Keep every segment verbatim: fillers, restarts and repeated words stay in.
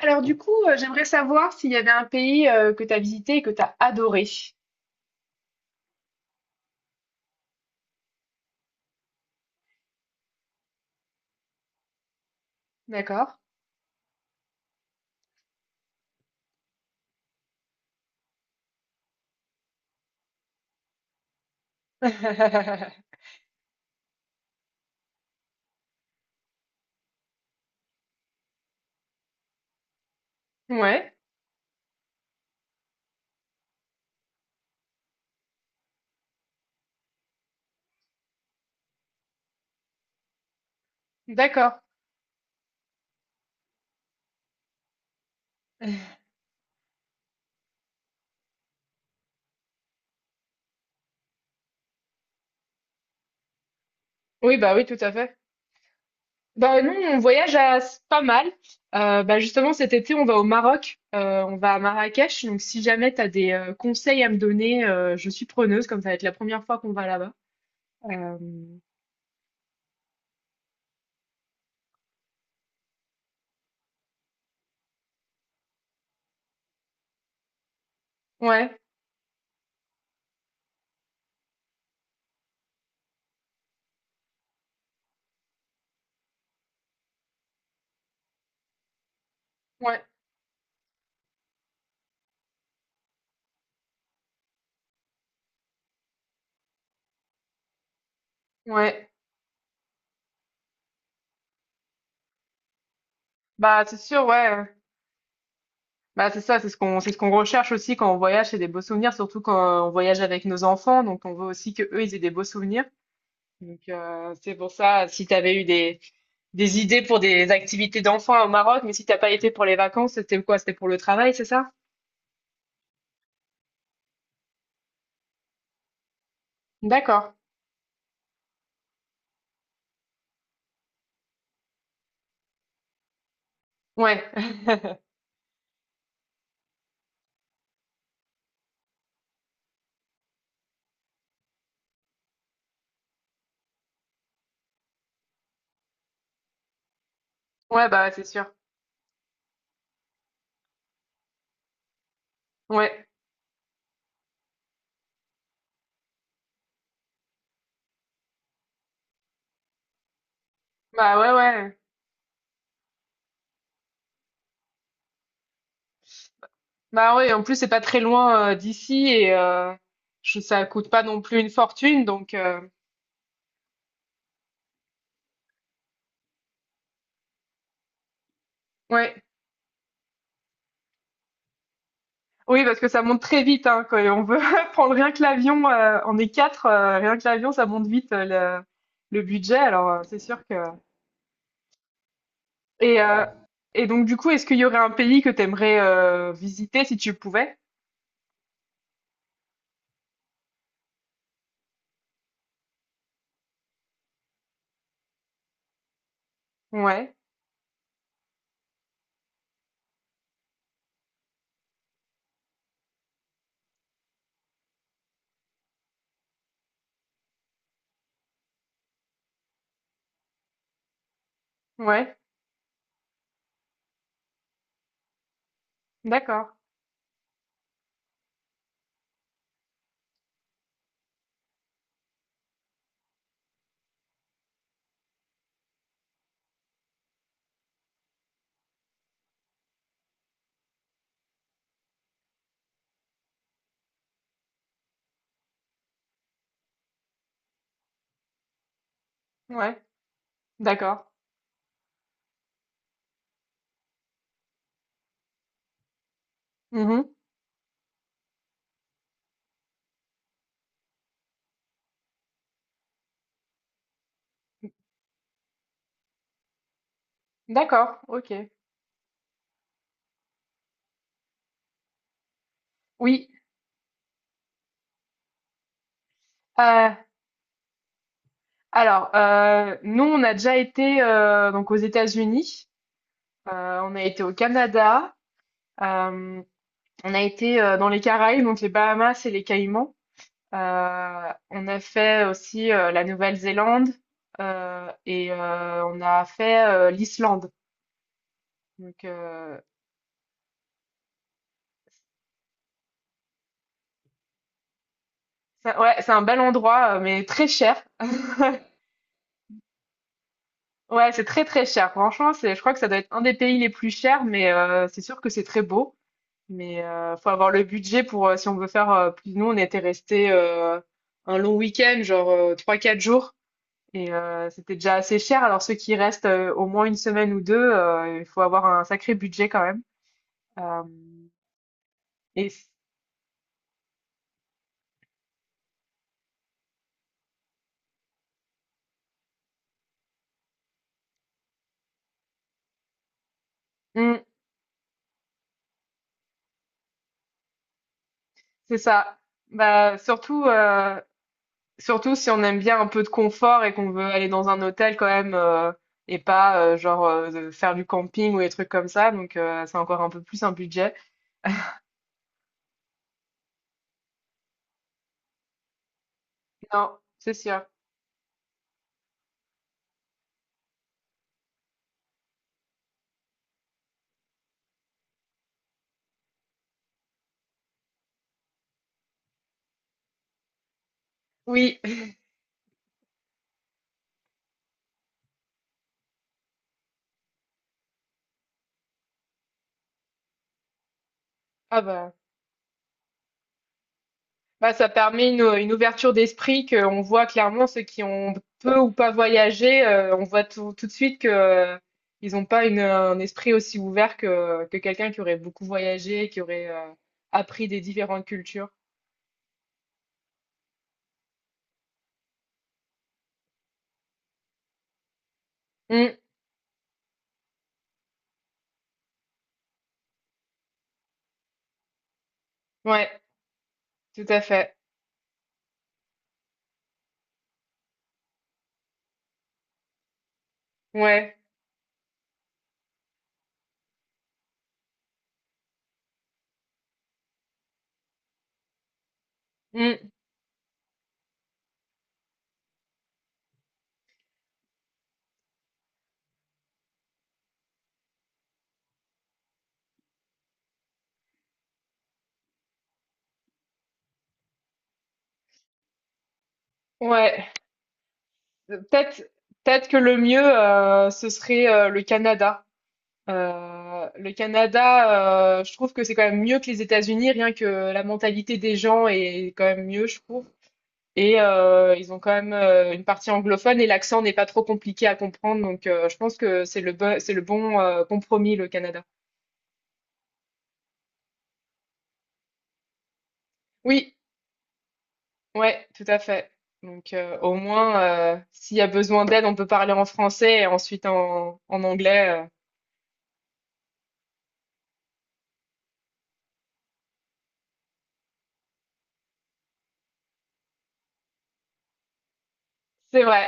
Alors du coup, euh, j'aimerais savoir s'il y avait un pays euh, que tu as visité et que tu as adoré. D'accord. Ouais, d'accord. Oui, bah oui, tout à fait. Bah nous, on voyage à pas mal. Euh, bah justement, cet été, on va au Maroc, euh, on va à Marrakech. Donc si jamais tu as des euh, conseils à me donner, euh, je suis preneuse, comme ça va être la première fois qu'on va là-bas. Euh, ouais, ouais, ouais. Bah c'est sûr, ouais. Bah, c'est ça, c'est ce qu'on, c'est ce qu'on recherche aussi quand on voyage, c'est des beaux souvenirs, surtout quand on voyage avec nos enfants. Donc, on veut aussi que eux, ils aient des beaux souvenirs. Donc, euh, c'est pour ça, si tu avais eu des, des idées pour des activités d'enfants au Maroc, mais si t'as pas été pour les vacances, c'était quoi? C'était pour le travail, c'est ça? D'accord. Ouais. Ouais, bah, c'est sûr. Ouais. Bah, ouais, ouais. Bah, ouais, en plus, c'est pas très loin euh, d'ici et euh, je- ça coûte pas non plus une fortune. Donc, euh, ouais. Oui, parce que ça monte très vite, hein, quand on veut prendre rien que l'avion, euh, on est quatre, euh, rien que l'avion, ça monte vite euh, le, le budget, alors euh, c'est sûr que... Et, euh, et donc du coup, est-ce qu'il y aurait un pays que t'aimerais euh, visiter si tu pouvais? Ouais, ouais, d'accord, ouais, d'accord, mhm, d'accord, ok. Oui, euh, alors, euh, nous, on a déjà été euh, donc aux États-Unis, euh, on a été au Canada, euh, on a été euh, dans les Caraïbes, donc les Bahamas et les Caïmans. Euh, on a fait aussi euh, la Nouvelle-Zélande euh, et euh, on a fait euh, l'Islande. Donc euh, ça- ouais, c'est un bel endroit, euh, mais très cher. Ouais, c'est très très cher. Franchement, c'est, je crois que ça doit être un des pays les plus chers, mais euh, c'est sûr que c'est très beau. Mais euh, faut avoir le budget pour euh, si on veut faire euh, plus. Nous, on était resté un long week-end, genre euh, trois quatre jours, et euh, c'était déjà assez cher. Alors ceux qui restent euh, au moins une semaine ou deux, euh, il faut avoir un sacré budget quand même. Euh, et c- Mm, c'est ça. Bah, surtout, euh, surtout si on aime bien un peu de confort et qu'on veut aller dans un hôtel quand même euh, et pas euh, genre euh, de faire du camping ou des trucs comme ça. Donc euh, c'est encore un peu plus un budget. Non, c'est sûr. Oui. Ah bah. Bah, ça permet une, une ouverture d'esprit qu'on voit clairement ceux qui ont peu ou pas voyagé, euh, on voit tout, tout de suite que euh, ils n'ont pas une, un esprit aussi ouvert que, que quelqu'un qui aurait beaucoup voyagé, qui aurait euh, appris des différentes cultures. Mm, ouais, tout à fait. Ouais, mm, ouais. Peut-être, peut-être que le mieux, euh, ce serait euh, le Canada. Euh, le Canada, euh, je trouve que c'est quand même mieux que les États-Unis, rien que la mentalité des gens est quand même mieux, je trouve. Et heu, ils ont quand même, heu, une partie anglophone et l'accent n'est pas trop compliqué à comprendre, donc heu, je pense que c'est le bo c'est le bon, heu, compromis, le Canada. Oui, ouais, tout à fait. Donc heu, au moins, heu, s'il y a besoin d'aide, on peut parler en français et ensuite en en anglais, heu. C'est vrai.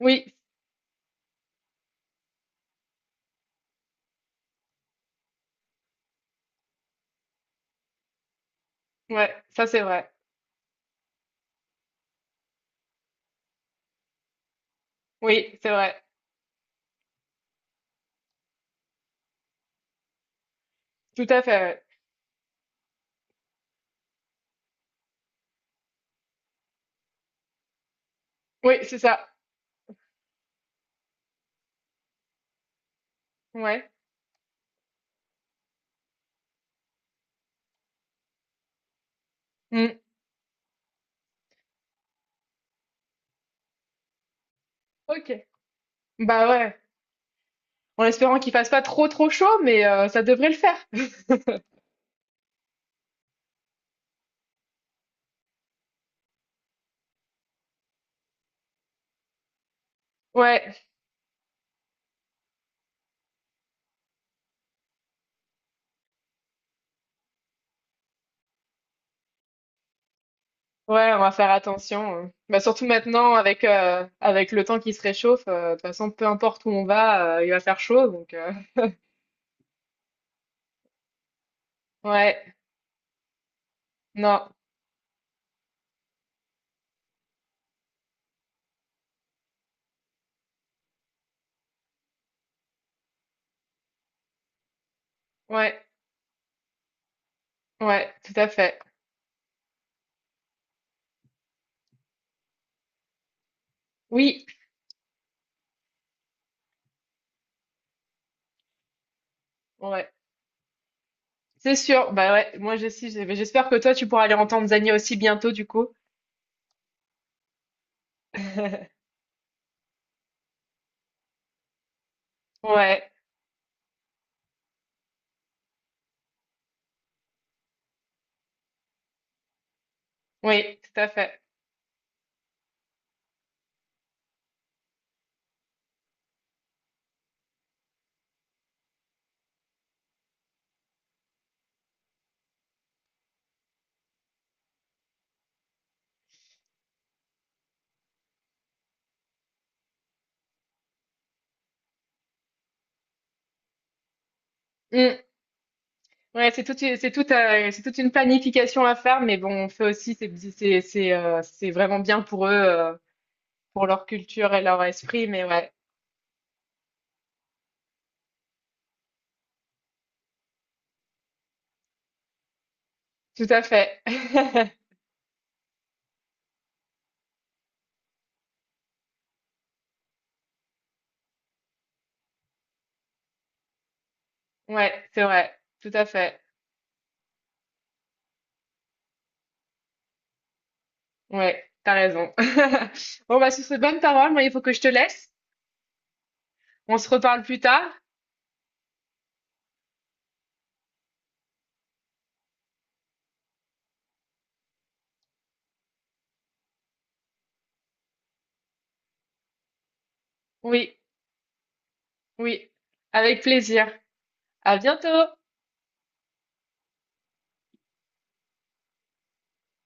Oui, ouais, ça c'est vrai. Oui, c'est vrai. Tout à fait, ouais. Oui, c'est ça. Ouais. Mmh. OK. Bah ouais, en espérant qu'il fasse pas trop, trop chaud, mais heu, ça devrait le faire. Ouais. Ouais, on va faire attention. Hein. Bah, surtout maintenant, avec, euh, avec le temps qui se réchauffe, euh, de toute façon, peu importe où on va, euh, il va faire chaud. Donc, euh, ouais, non, ouais, ouais, tout à fait. Oui, ouais, c'est sûr. Bah ouais, moi j'essaie, j'espère que toi, tu pourras aller en Tanzanie aussi bientôt, du coup. Ouais, oui, tout à fait. Mm. Ouais, c'est toute, c'est toute, euh, c'est toute une planification à faire, mais bon, on fait aussi, c'est, c'est, c'est, euh, c'est vraiment bien pour eux, euh, pour leur culture et leur esprit, mais ouais. Tout à fait. Ouais, c'est vrai. Tout à fait. Ouais, t'as raison. Bon, bah, sur ces bonnes paroles, moi, il faut que je te laisse. On se reparle plus tard. Oui, oui. Avec plaisir. À bientôt.